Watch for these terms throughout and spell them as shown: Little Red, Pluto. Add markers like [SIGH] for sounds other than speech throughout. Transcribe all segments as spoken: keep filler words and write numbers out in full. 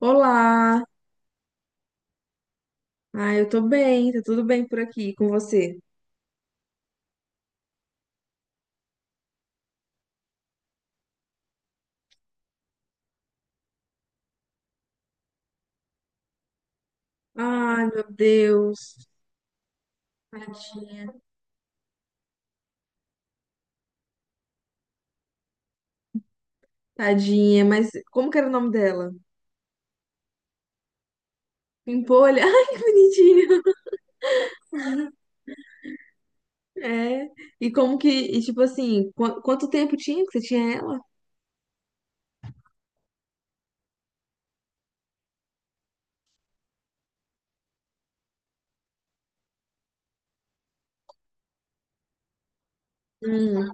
Olá! Ah, eu tô bem, tá tudo bem por aqui com você? Ai, meu Deus, tadinha, tadinha, mas como que era o nome dela? Pimpolha? [LAUGHS] Ai, que bonitinho! É, e como que, e tipo assim, qu- quanto tempo tinha que você tinha ela? Hum,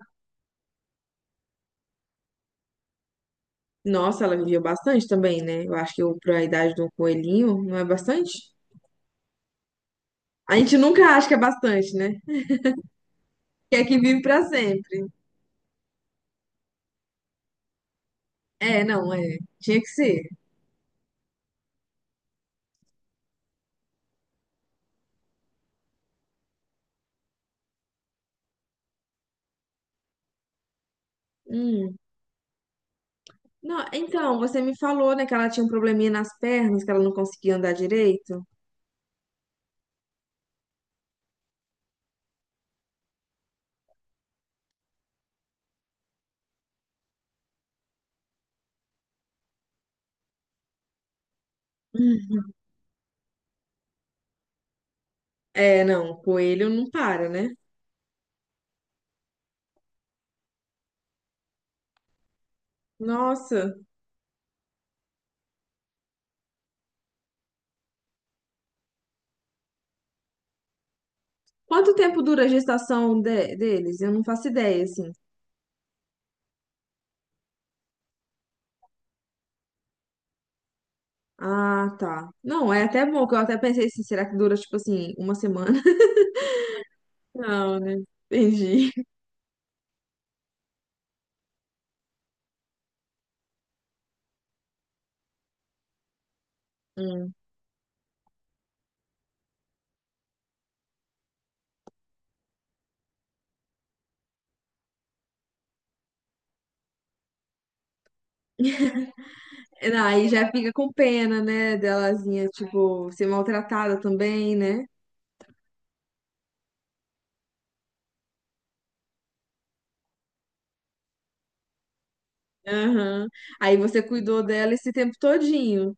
Nossa, ela vivia bastante também, né? Eu acho que eu, pra idade de um coelhinho, não é bastante? A gente nunca acha que é bastante, né? Que é que vive pra sempre. É, não, é, tinha que ser. Hum. Não, então, você me falou, né, que ela tinha um probleminha nas pernas, que ela não conseguia andar direito. Hum. É, não, o coelho não para, né? Nossa, quanto tempo dura a gestação de- deles? Eu não faço ideia, assim. Ah, tá. Não, é até bom, que eu até pensei assim, será que dura, tipo assim, uma semana? [LAUGHS] Não, né? Entendi. Hum. Não, aí já fica com pena, né, delazinha, tipo, ser maltratada também, né? Aham. Aí você cuidou dela esse tempo todinho.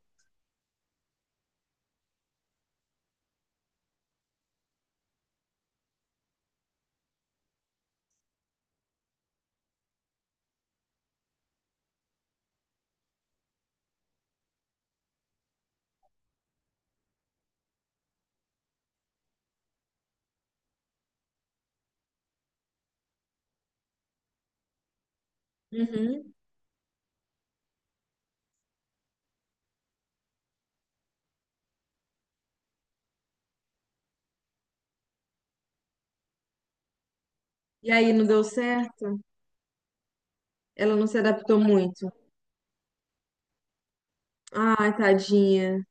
Uhum. E aí não deu certo? Ela não se adaptou muito. Ai, tadinha.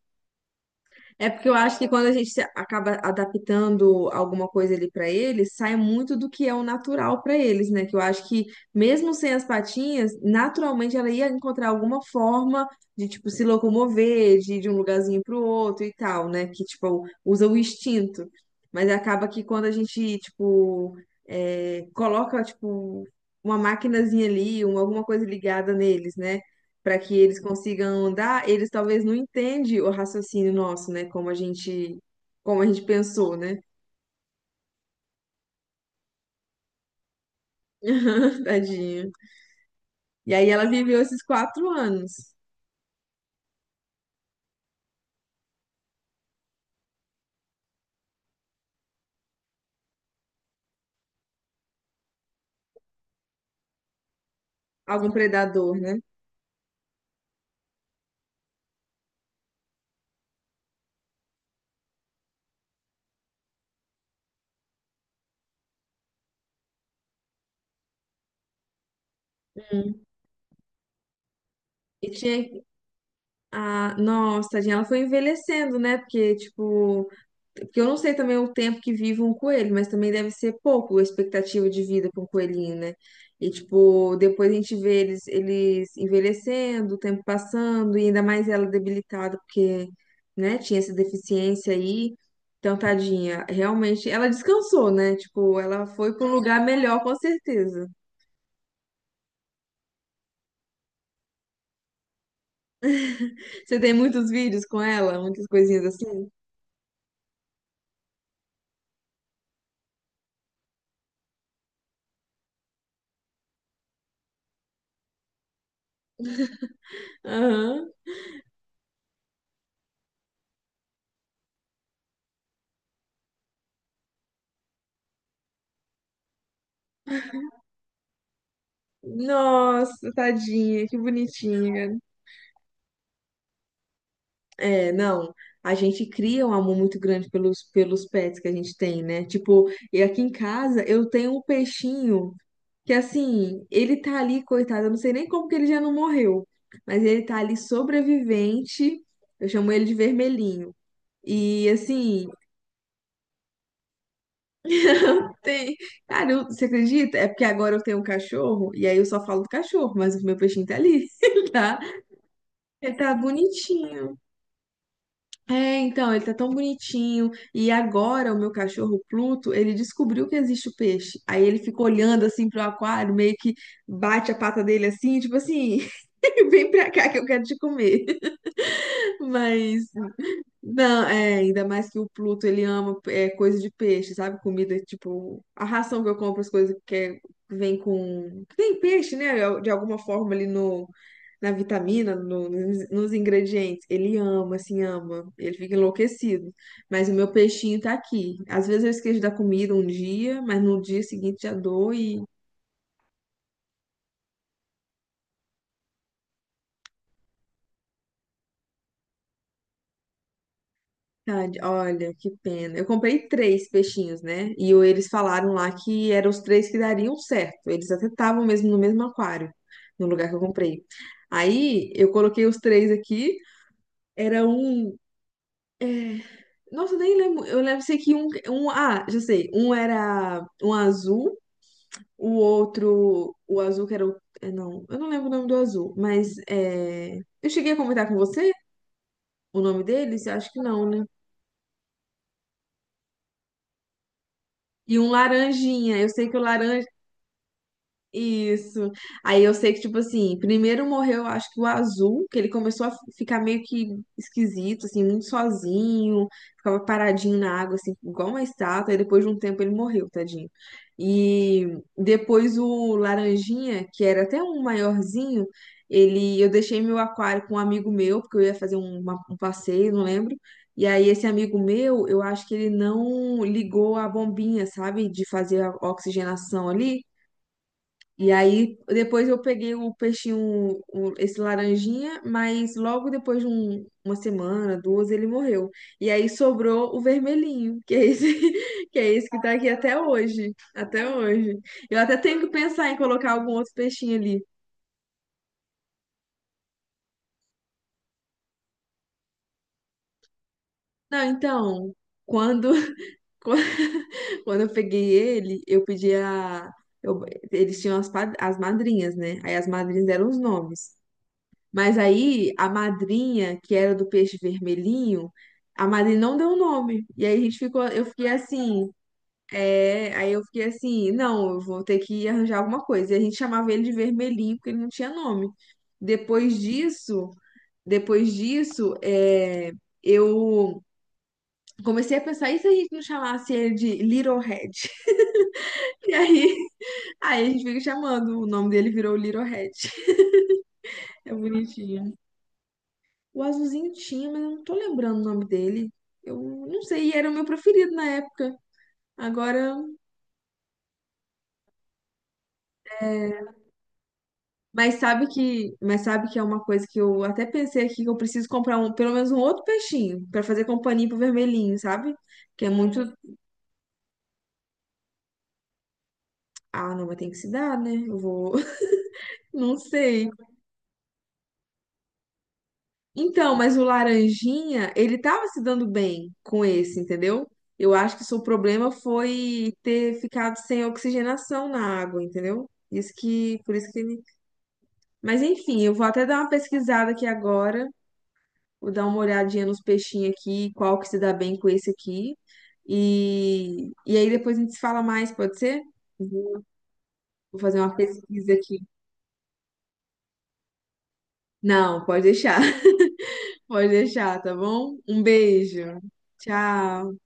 É porque eu acho que quando a gente se- acaba adaptando alguma coisa ali pra eles, sai muito do que é o natural pra eles, né? Que eu acho que mesmo sem as patinhas, naturalmente ela ia encontrar alguma forma de tipo se locomover, de ir de um lugarzinho pro outro e tal, né? Que tipo usa o instinto. Mas acaba que quando a gente tipo é, coloca tipo uma maquinazinha ali, uma, alguma coisa ligada neles, né? Para que eles consigam andar, eles talvez não entendem o raciocínio nosso, né? Como a gente, como a gente pensou, né? [LAUGHS] Tadinha. E aí ela viveu esses quatro anos, algum predador, né? Hum. E tinha. Ah, nossa, tadinha, ela foi envelhecendo, né? Porque, tipo, porque eu não sei também o tempo que vive um coelho, mas também deve ser pouco a expectativa de vida para um coelhinho, né? E, tipo, depois a gente vê eles, eles envelhecendo, o tempo passando, e ainda mais ela debilitada, porque, né, tinha essa deficiência aí. Então, tadinha, realmente, ela descansou, né? Tipo, ela foi para um lugar melhor, com certeza. Você tem muitos vídeos com ela, muitas coisinhas assim? Aham. Nossa, tadinha, que bonitinha. É, não. A gente cria um amor muito grande pelos, pelos pets que a gente tem, né? Tipo, e aqui em casa eu tenho um peixinho que, assim, ele tá ali, coitado, eu não sei nem como que ele já não morreu, mas ele tá ali sobrevivente. Eu chamo ele de vermelhinho. E, assim, [LAUGHS] tem. Cara, eu- você acredita? É porque agora eu tenho um cachorro e aí eu só falo do cachorro, mas o meu peixinho tá ali. [LAUGHS] Ele tá, ele tá bonitinho. É, então, ele tá tão bonitinho. E agora o meu cachorro Pluto, ele descobriu que existe o peixe. Aí ele fica olhando assim pro aquário, meio que bate a pata dele assim, tipo assim, [LAUGHS] vem pra cá que eu quero te comer. [LAUGHS] Mas não, é, ainda mais que o Pluto, ele ama é, coisa de peixe, sabe? Comida, tipo, a ração que eu compro, as coisas que é- que vem com que tem peixe, né? De alguma forma ali no, na vitamina, no- nos, nos ingredientes. Ele ama, assim, ama. Ele fica enlouquecido. Mas o meu peixinho tá aqui. Às vezes eu esqueço da comida um dia, mas no dia seguinte já dou Tade, olha, que pena. Eu comprei três peixinhos, né? E o- eles falaram lá que eram os três que dariam certo. Eles até estavam mesmo no mesmo aquário, no lugar que eu comprei. Aí eu coloquei os três aqui. Era um. é, Nossa, nem lembro. Eu lembro sei que um, um. Ah, já sei. Um era um azul, o outro. O azul que era o. é, Não, eu não lembro o nome do azul, mas é eu cheguei a comentar com você o nome deles? Eu acho que não, né? E um laranjinha. Eu sei que o laranja. Isso. Aí eu sei que, tipo assim, primeiro morreu, acho que o azul, que ele começou a fi- ficar meio que esquisito, assim, muito sozinho, ficava paradinho na água, assim, igual uma estátua, e depois de um tempo ele morreu, tadinho. E depois o laranjinha, que era até um maiorzinho, ele, eu deixei meu aquário com um amigo meu, porque eu ia fazer um, uma- um passeio, não lembro. E aí esse amigo meu, eu acho que ele não ligou a bombinha, sabe, de fazer a oxigenação ali. E aí, depois eu peguei o peixinho, o- esse laranjinha, mas logo depois de um- uma semana, duas, ele morreu. E aí sobrou o vermelhinho, [LAUGHS] que é esse, [LAUGHS] que é esse que tá aqui até hoje. Até hoje. Eu até tenho que pensar em colocar algum outro peixinho ali. Não, então, quando, [LAUGHS] quando quando eu peguei ele, eu pedi a eu- eles tinham as, pad- as madrinhas, né? Aí as madrinhas deram os nomes. Mas aí a madrinha, que era do peixe vermelhinho, a madrinha não deu o nome. E aí a gente ficou, eu fiquei assim, é, aí eu fiquei assim, não, eu vou ter que arranjar alguma coisa. E a gente chamava ele de vermelhinho porque ele não tinha nome. Depois disso, depois disso, é, eu comecei a pensar, e se a gente não chamasse ele de Little Red? [LAUGHS] E aí, aí a gente fica chamando, o nome dele virou Little Red. [LAUGHS] É bonitinho. O azulzinho tinha, mas eu não tô lembrando o nome dele. Eu não sei, e era o meu preferido na época. Agora, é, mas sabe que, mas sabe que é uma coisa que eu até pensei aqui que eu preciso comprar um, pelo menos um outro peixinho pra fazer companhia pro vermelhinho, sabe? Que é muito, ah, não, mas tem que se dar, né? Eu vou, [LAUGHS] não sei. Então, mas o laranjinha, ele tava se dando bem com esse, entendeu? Eu acho que o seu problema foi ter ficado sem oxigenação na água, entendeu? Isso que, por isso que ele mas enfim, eu vou até dar uma pesquisada aqui agora, vou dar uma olhadinha nos peixinhos aqui, qual que se dá bem com esse aqui. E, e aí depois a gente se fala mais, pode ser? Vou vou fazer uma pesquisa aqui. Não, pode deixar, [LAUGHS] pode deixar, tá bom? Um beijo. Tchau.